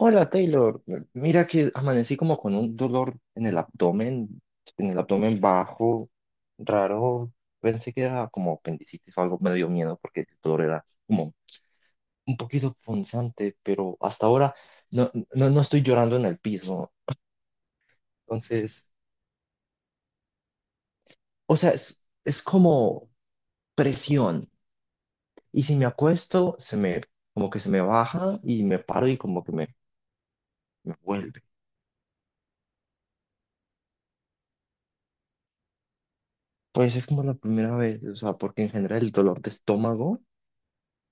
Hola Taylor, mira que amanecí como con un dolor en el abdomen bajo, raro. Pensé que era como apendicitis o algo, me dio miedo porque el dolor era como un poquito punzante, pero hasta ahora no, no, no estoy llorando en el piso. Entonces, o sea, es como presión. Y si me acuesto, como que se me baja y me paro y como que me vuelve. Pues es como la primera vez, o sea, porque en general el dolor de estómago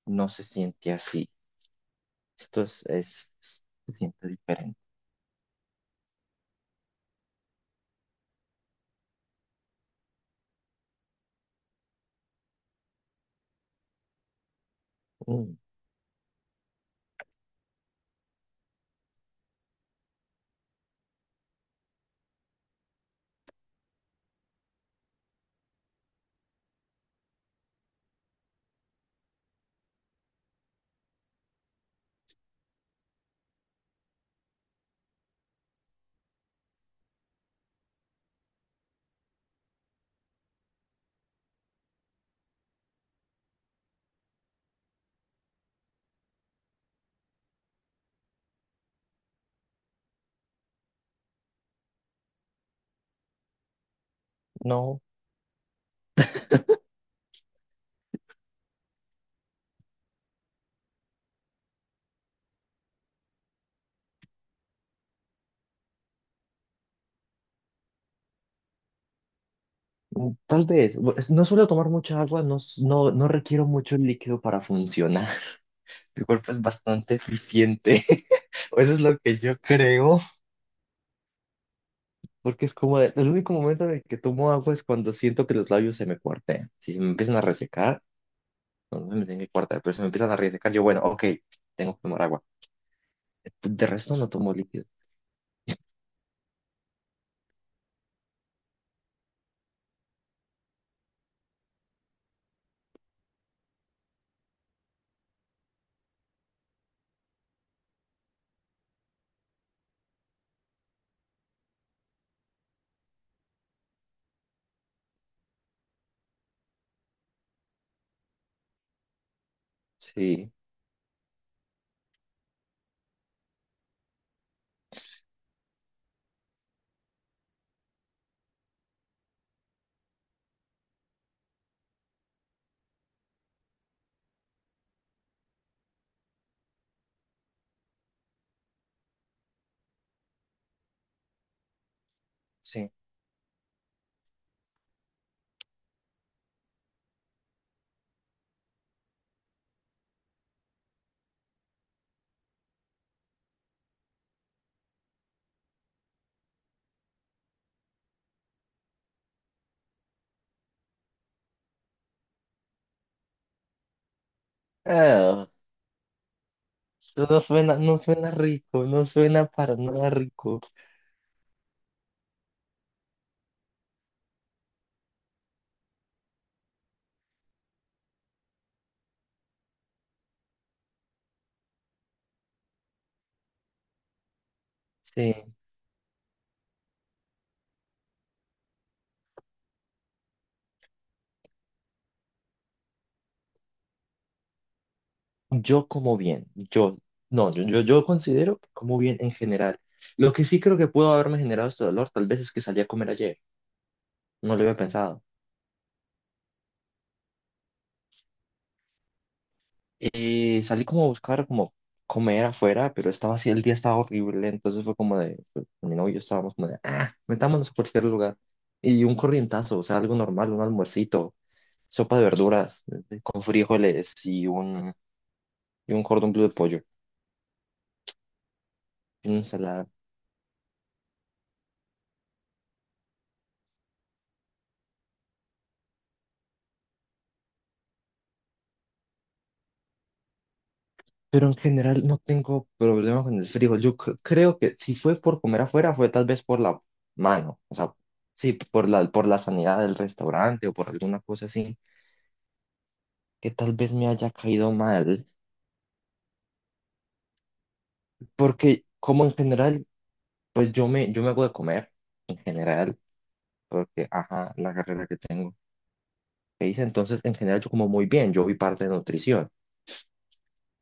no se siente así. Esto se siente diferente. Mm, no, tal vez. No suelo tomar mucha agua, no, no requiero mucho líquido para funcionar. Mi cuerpo es bastante eficiente. O eso es lo que yo creo. Porque es como el único momento en el que tomo agua es cuando siento que los labios se me cuartean. Si se me empiezan a resecar, no, no me tienen que cuartear, pero si me empiezan a resecar, yo, bueno, ok, tengo que tomar agua. De resto no tomo líquido. Sí, sí. Ah, eso no suena, no suena rico, no suena para nada rico. Sí, yo como bien, yo, no, yo considero que como bien en general. Lo que sí creo que pudo haberme generado este dolor, tal vez es que salí a comer ayer, no lo había pensado. Salí como a buscar como comer afuera, pero estaba así, el día estaba horrible, entonces fue como de, pues, mi novio y yo estábamos como de, metámonos a cualquier lugar. Y un corrientazo, o sea, algo normal, un almuercito, sopa de verduras con frijoles y un cordón bleu de pollo, en ensalada. Pero en general no tengo problema con el frijol. Yo creo que si fue por comer afuera, fue tal vez por la mano. O sea, sí, por la sanidad del restaurante o por alguna cosa así, que tal vez me haya caído mal. Porque como en general, pues yo me hago de comer, en general, porque, ajá, la carrera que tengo, que hice, entonces, en general yo como muy bien, yo vi parte de nutrición.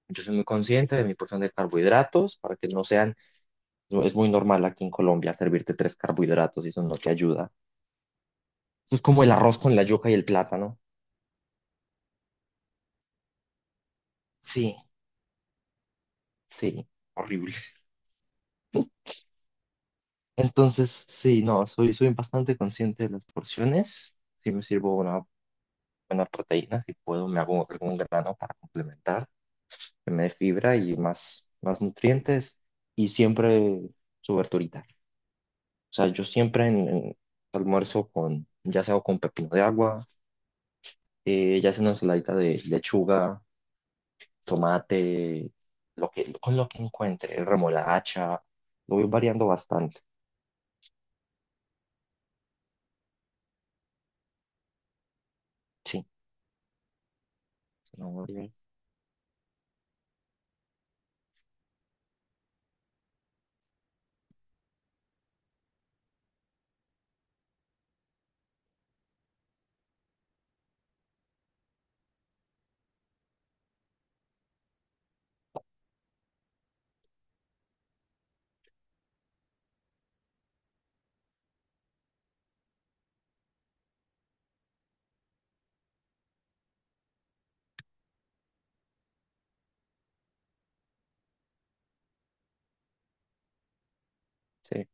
Yo soy muy consciente de mi porción de carbohidratos para que no sean. No, es muy normal aquí en Colombia servirte tres carbohidratos y eso no te ayuda. Eso es como el arroz con la yuca y el plátano. Sí, sí. Horrible. Entonces, sí, no, soy bastante consciente de las porciones. Sí me sirvo una buena proteína, si puedo, me hago algún grano para complementar, que me dé fibra y más, más nutrientes. Y siempre subverturitar. O sea, yo siempre en almuerzo con, ya sea con pepino de agua, ya sea una ensaladita de lechuga, tomate, con lo que encuentre, remolacha, lo voy variando bastante. Sí, no zanahoria, sí.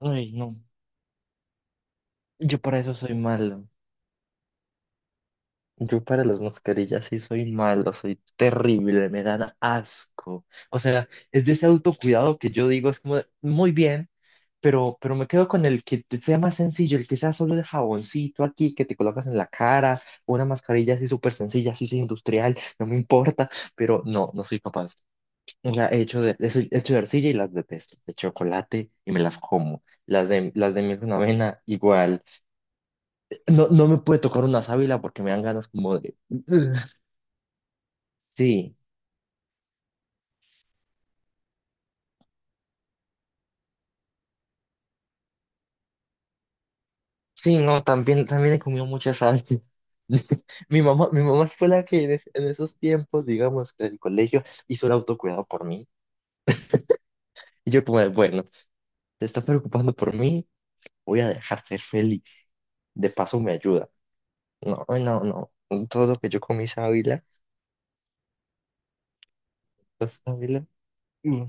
Ay, no, yo para eso soy malo. Yo para las mascarillas sí soy malo, soy terrible, me dan asco. O sea, es de ese autocuidado que yo digo, es como, de, muy bien, pero me quedo con el que te sea más sencillo, el que sea solo el jaboncito aquí que te colocas en la cara, una mascarilla así súper sencilla, así sin industrial, no me importa, pero no, no soy capaz. O sea, he hecho de arcilla y las detesto. De chocolate y me las como. Las de miel con avena, igual. No, no me puede tocar una sábila porque me dan ganas como de... Sí, sí, no, también, he comido muchas sábila. Mi mamá fue la que en esos tiempos, digamos, en el colegio, hizo el autocuidado por mí. Y yo como, de, bueno, te está preocupando por mí, voy a dejar ser feliz. De paso me ayuda. No, ay, no, no. Todo lo que yo comí sábila, los sábila. Mm.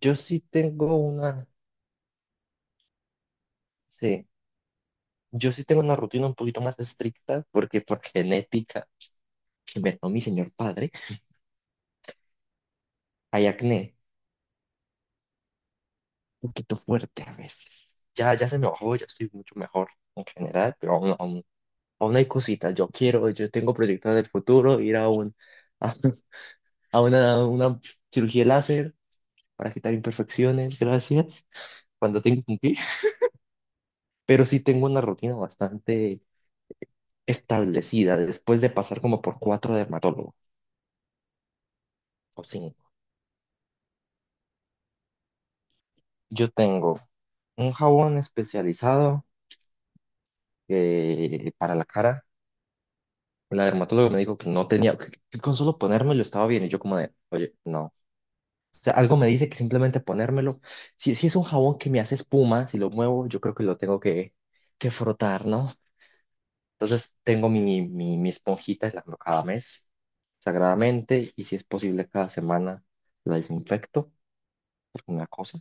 Yo sí tengo una, sí, yo sí tengo una rutina un poquito más estricta porque por genética que me dio mi señor padre, hay acné un poquito fuerte a veces. Ya, ya se me bajó, ya estoy mucho mejor en general, pero aún, aún, aún hay cositas. Yo quiero, yo tengo proyectos del futuro ir a una cirugía láser para quitar imperfecciones, gracias, cuando tenga que cumplir. Pero sí tengo una rutina bastante establecida después de pasar como por cuatro dermatólogos. O sí. Yo tengo un jabón especializado para la cara. La dermatóloga me dijo que no tenía, que con solo ponérmelo estaba bien. Y yo como de, oye, no. O sea, algo me dice que simplemente ponérmelo. Si es un jabón que me hace espuma, si lo muevo, yo creo que lo tengo que frotar, ¿no? Entonces tengo mi esponjita, la hago cada mes, sagradamente, y si es posible cada semana la desinfecto, porque me cosa.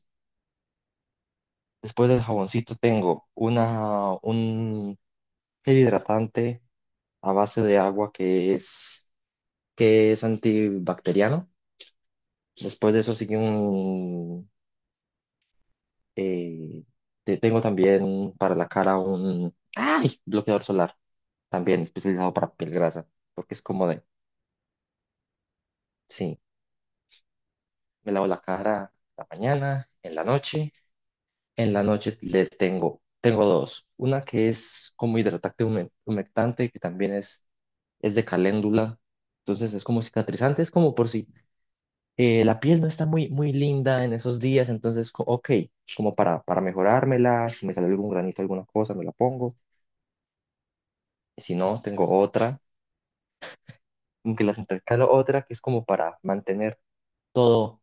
Después del jaboncito tengo una, un gel hidratante a base de agua que es, antibacteriano. Después de eso sigue un... eh, tengo también para la cara un... ¡Ay! Bloqueador solar, también especializado para piel grasa, porque es como de... Sí, me lavo la cara en la mañana, en la noche. En la noche le tengo dos. Una que es como hidratante humectante, que también es de caléndula. Entonces es como cicatrizante, es como por si la piel no está muy, muy linda en esos días, entonces, ok, como para mejorármela, si me sale algún granito, alguna cosa, me la pongo. Y si no, tengo otra, aunque las intercalo otra, que es como para mantener todo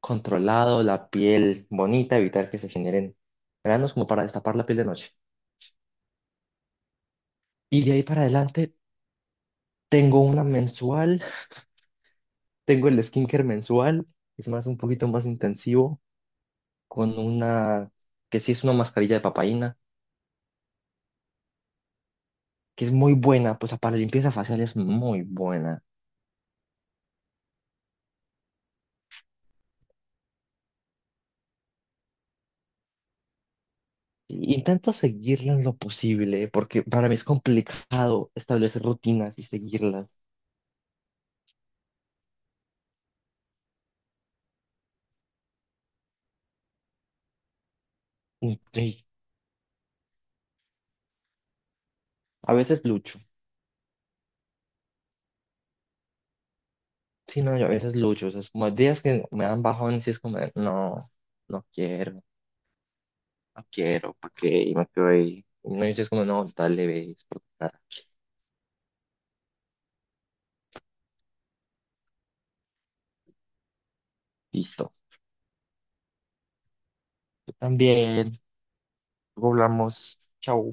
controlado, la piel bonita, evitar que se generen granos, como para destapar la piel de noche. Y de ahí para adelante, tengo una mensual, tengo el skincare mensual, es más, un poquito más intensivo, con una, que sí es una mascarilla de papaína que es muy buena, pues para limpieza facial es muy buena. Y intento seguirla en lo posible, porque para mí es complicado establecer rutinas y seguirlas. Y a veces lucho, sí, no, yo a veces lucho, o sea, es como días que me dan bajones y es como, no, no quiero, no quiero, ¿para qué? Y me quedo ahí. Y me dices como, no, dale, ve, es por tu cara. Listo. También, luego hablamos, chau.